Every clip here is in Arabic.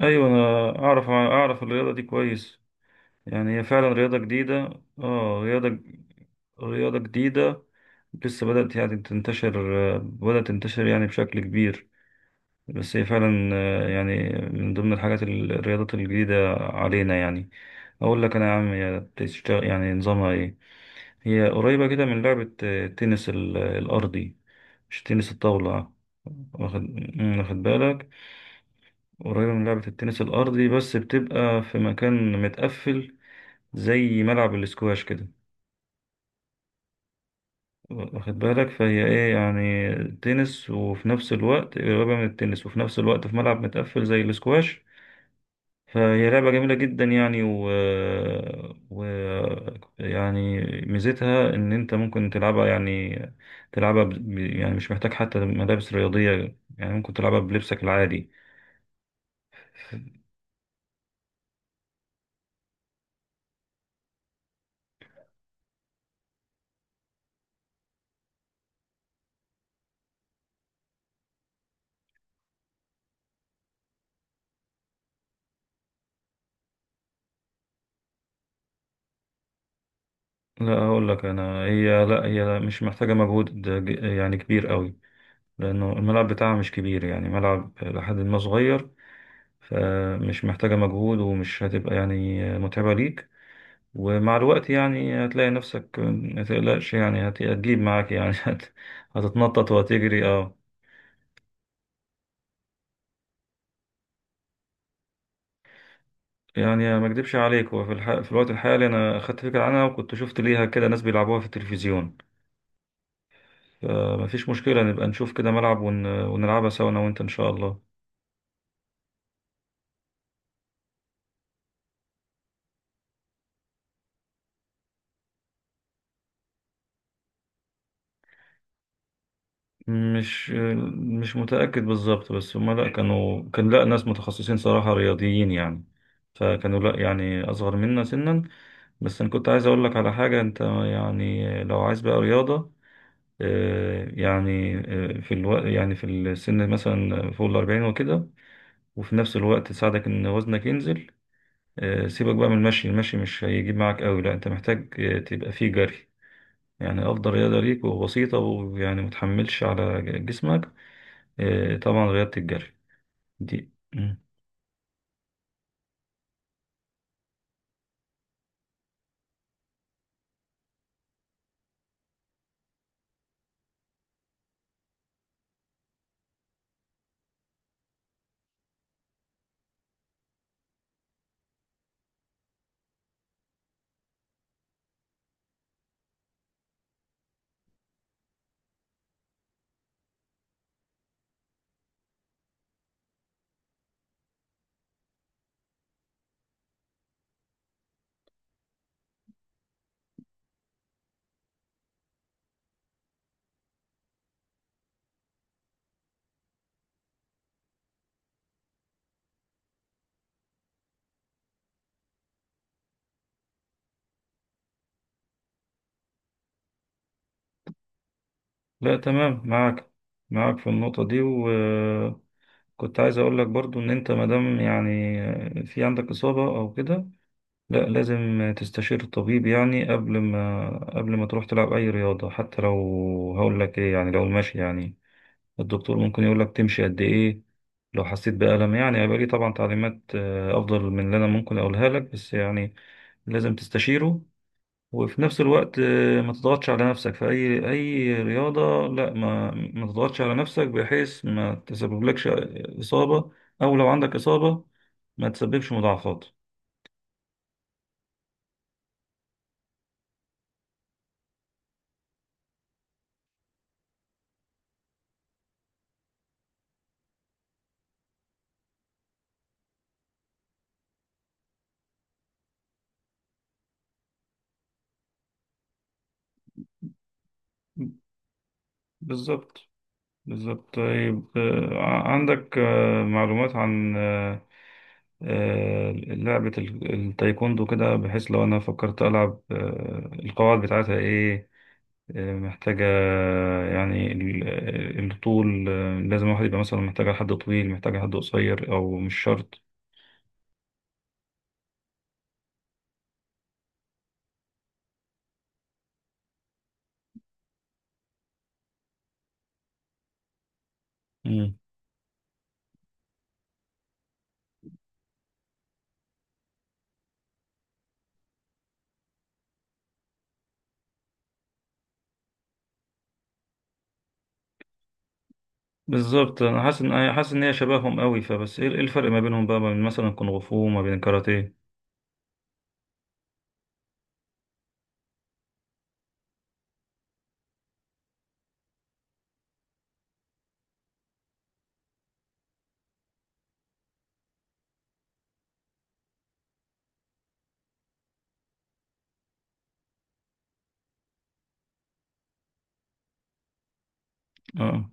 ايوه انا اعرف الرياضه دي كويس. يعني هي فعلا رياضه جديده، اه، رياضه جديده لسه بدات يعني تنتشر، بدات تنتشر يعني بشكل كبير. بس هي فعلا، يعني من ضمن الحاجات الرياضات الجديده علينا. يعني اقول لك انا يا عم هي بتشتغل يعني نظامها ايه. هي قريبه كده من لعبه، التنس الارضي، مش تنس الطاوله. واخد واخد بالك؟ قريبة من لعبة التنس الأرضي بس بتبقى في مكان متقفل زي ملعب الاسكواش كده. واخد بالك؟ فهي ايه يعني؟ تنس، وفي نفس الوقت قريبة من التنس، وفي نفس الوقت في ملعب متقفل زي الاسكواش. فهي لعبة جميلة جدا يعني و... و يعني ميزتها ان انت ممكن تلعبها، يعني يعني مش محتاج حتى ملابس رياضية. يعني ممكن تلعبها بلبسك العادي. لا، هقول لك انا، هي لا، هي مش محتاجه مجهود يعني كبير قوي، لانه الملعب بتاعها مش كبير، يعني ملعب لحد ما صغير. فمش محتاجه مجهود، ومش هتبقى يعني متعبه ليك. ومع الوقت يعني هتلاقي نفسك، ما تقلقش، يعني هتجيب معاك يعني هتتنطط وهتجري، اه. يعني ما اكدبش عليك، وفي في الوقت الحالي انا اخدت فكره عنها، وكنت شفت ليها كده ناس بيلعبوها في التلفزيون. فما فيش مشكله، نبقى نشوف كده ملعب ونلعبها سوا انا وانت ان شاء الله. مش مش متأكد بالظبط، بس هما لا كانوا، كان لا، ناس متخصصين صراحة رياضيين يعني. فكانوا لا يعني أصغر منا سنا. بس أنا كنت عايز أقول لك على حاجة. أنت يعني لو عايز بقى رياضة، يعني في الوقت، يعني في السن مثلا فوق الأربعين وكده، وفي نفس الوقت تساعدك إن وزنك ينزل، سيبك بقى من المشي. المشي مش هيجيب معاك قوي، لا أنت محتاج تبقى فيه جري. يعني أفضل رياضة ليك، وبسيطة، ويعني متحملش على جسمك، إيه، طبعا رياضة الجري دي. لا تمام، معاك، في النقطة دي. وكنت عايز أقول لك برضو إن أنت مادام يعني في عندك إصابة أو كده، لا، لازم تستشير الطبيب يعني قبل ما تروح تلعب أي رياضة. حتى لو، هقول لك إيه، يعني لو المشي، يعني الدكتور ممكن يقول لك تمشي قد إيه. لو حسيت بألم يعني هيبقى ليه طبعا تعليمات، أفضل من اللي أنا ممكن أقولها لك. بس يعني لازم تستشيره. وفي نفس الوقت، ما تضغطش على نفسك في أي رياضة. لا ما تضغطش على نفسك، بحيث ما تسببلكش إصابة، أو لو عندك إصابة ما تسببش مضاعفات. بالظبط بالظبط. طيب، عندك معلومات عن لعبة التايكوندو كده؟ بحيث لو أنا فكرت ألعب، القواعد بتاعتها إيه؟ محتاجة يعني الطول؟ لازم الواحد يبقى مثلا، محتاجة حد طويل، محتاجة حد قصير، أو مش شرط؟ مم. بالظبط، أنا حاسس إن، هي شبههم قوي، فبس إيه، إيه الفرق ما بينهم بقى، ما بين مثلا كونغ فو وما بين كاراتيه؟ آه.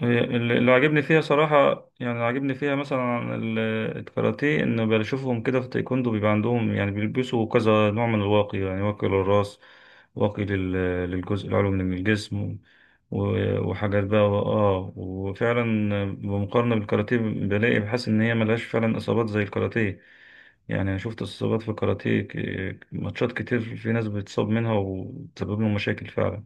هي، اللي عاجبني فيها صراحة، يعني اللي عاجبني فيها مثلا، الكاراتيه، إن بشوفهم كده في التايكوندو بيبقى عندهم، يعني بيلبسوا كذا نوع من الواقي، يعني واقي للراس، واقي للجزء العلوي من الجسم، وحاجات بقى، اه وفعلا بمقارنة بالكاراتيه بلاقي، بحس إن هي ملهاش فعلا إصابات زي الكاراتيه. يعني أنا شفت إصابات في الكاراتيه، ماتشات كتير، في ناس بتصاب منها وتسبب لهم مشاكل فعلا.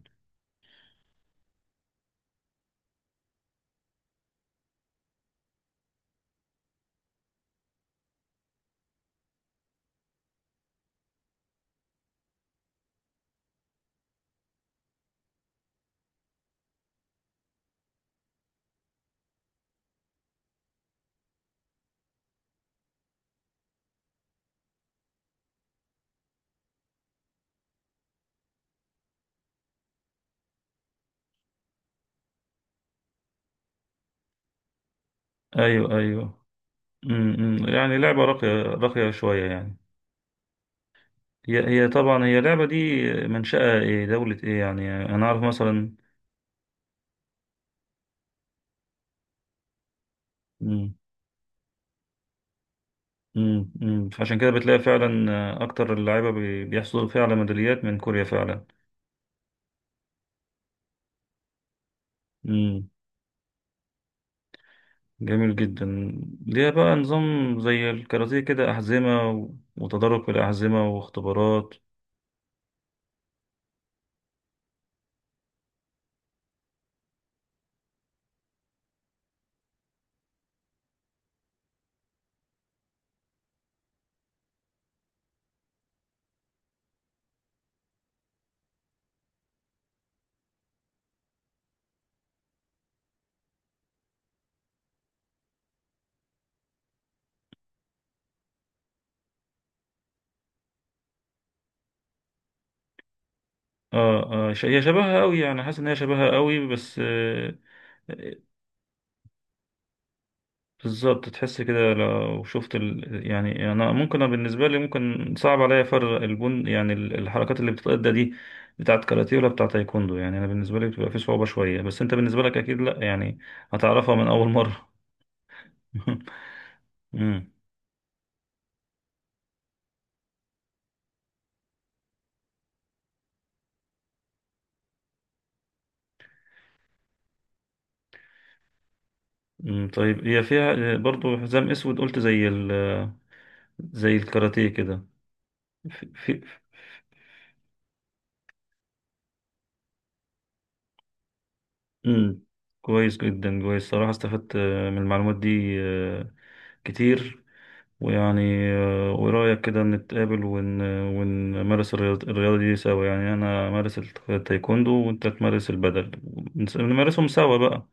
أيوه أيوه. امم، يعني لعبة راقية، راقية شوية يعني. هي هي طبعا هي اللعبة دي منشأة ايه، دولة ايه؟ يعني انا اعرف مثلا. امم، فعشان كده بتلاقي فعلا، اكتر اللعيبة بيحصلوا فعلا ميداليات من كوريا فعلا. امم. جميل جدا. ليها بقى نظام زي الكاراتيه كده، أحزمة وتدرج في الأحزمة واختبارات؟ هي شبهها قوي، يعني حاسس ان هي شبهها قوي، بس بالظبط. تحس كده لو شفت يعني انا ممكن، أنا بالنسبه لي ممكن صعب عليا فرق البن، يعني الحركات اللي بتتأدى دي بتاعت كاراتيه ولا بتاعت تايكوندو. يعني انا بالنسبه لي بتبقى في صعوبه شويه، بس انت بالنسبه لك اكيد لا يعني هتعرفها من اول مره. امم. أمم، طيب هي فيها برضو حزام اسود قلت زي زي الكاراتيه كده؟ في... في... أمم، كويس جدا، كويس صراحه، استفدت من المعلومات دي كتير. ويعني ورأيك كده نتقابل ونمارس الرياضة دي سوا، يعني أنا أمارس التايكوندو وأنت تمارس البدل، نمارسهم سوا بقى.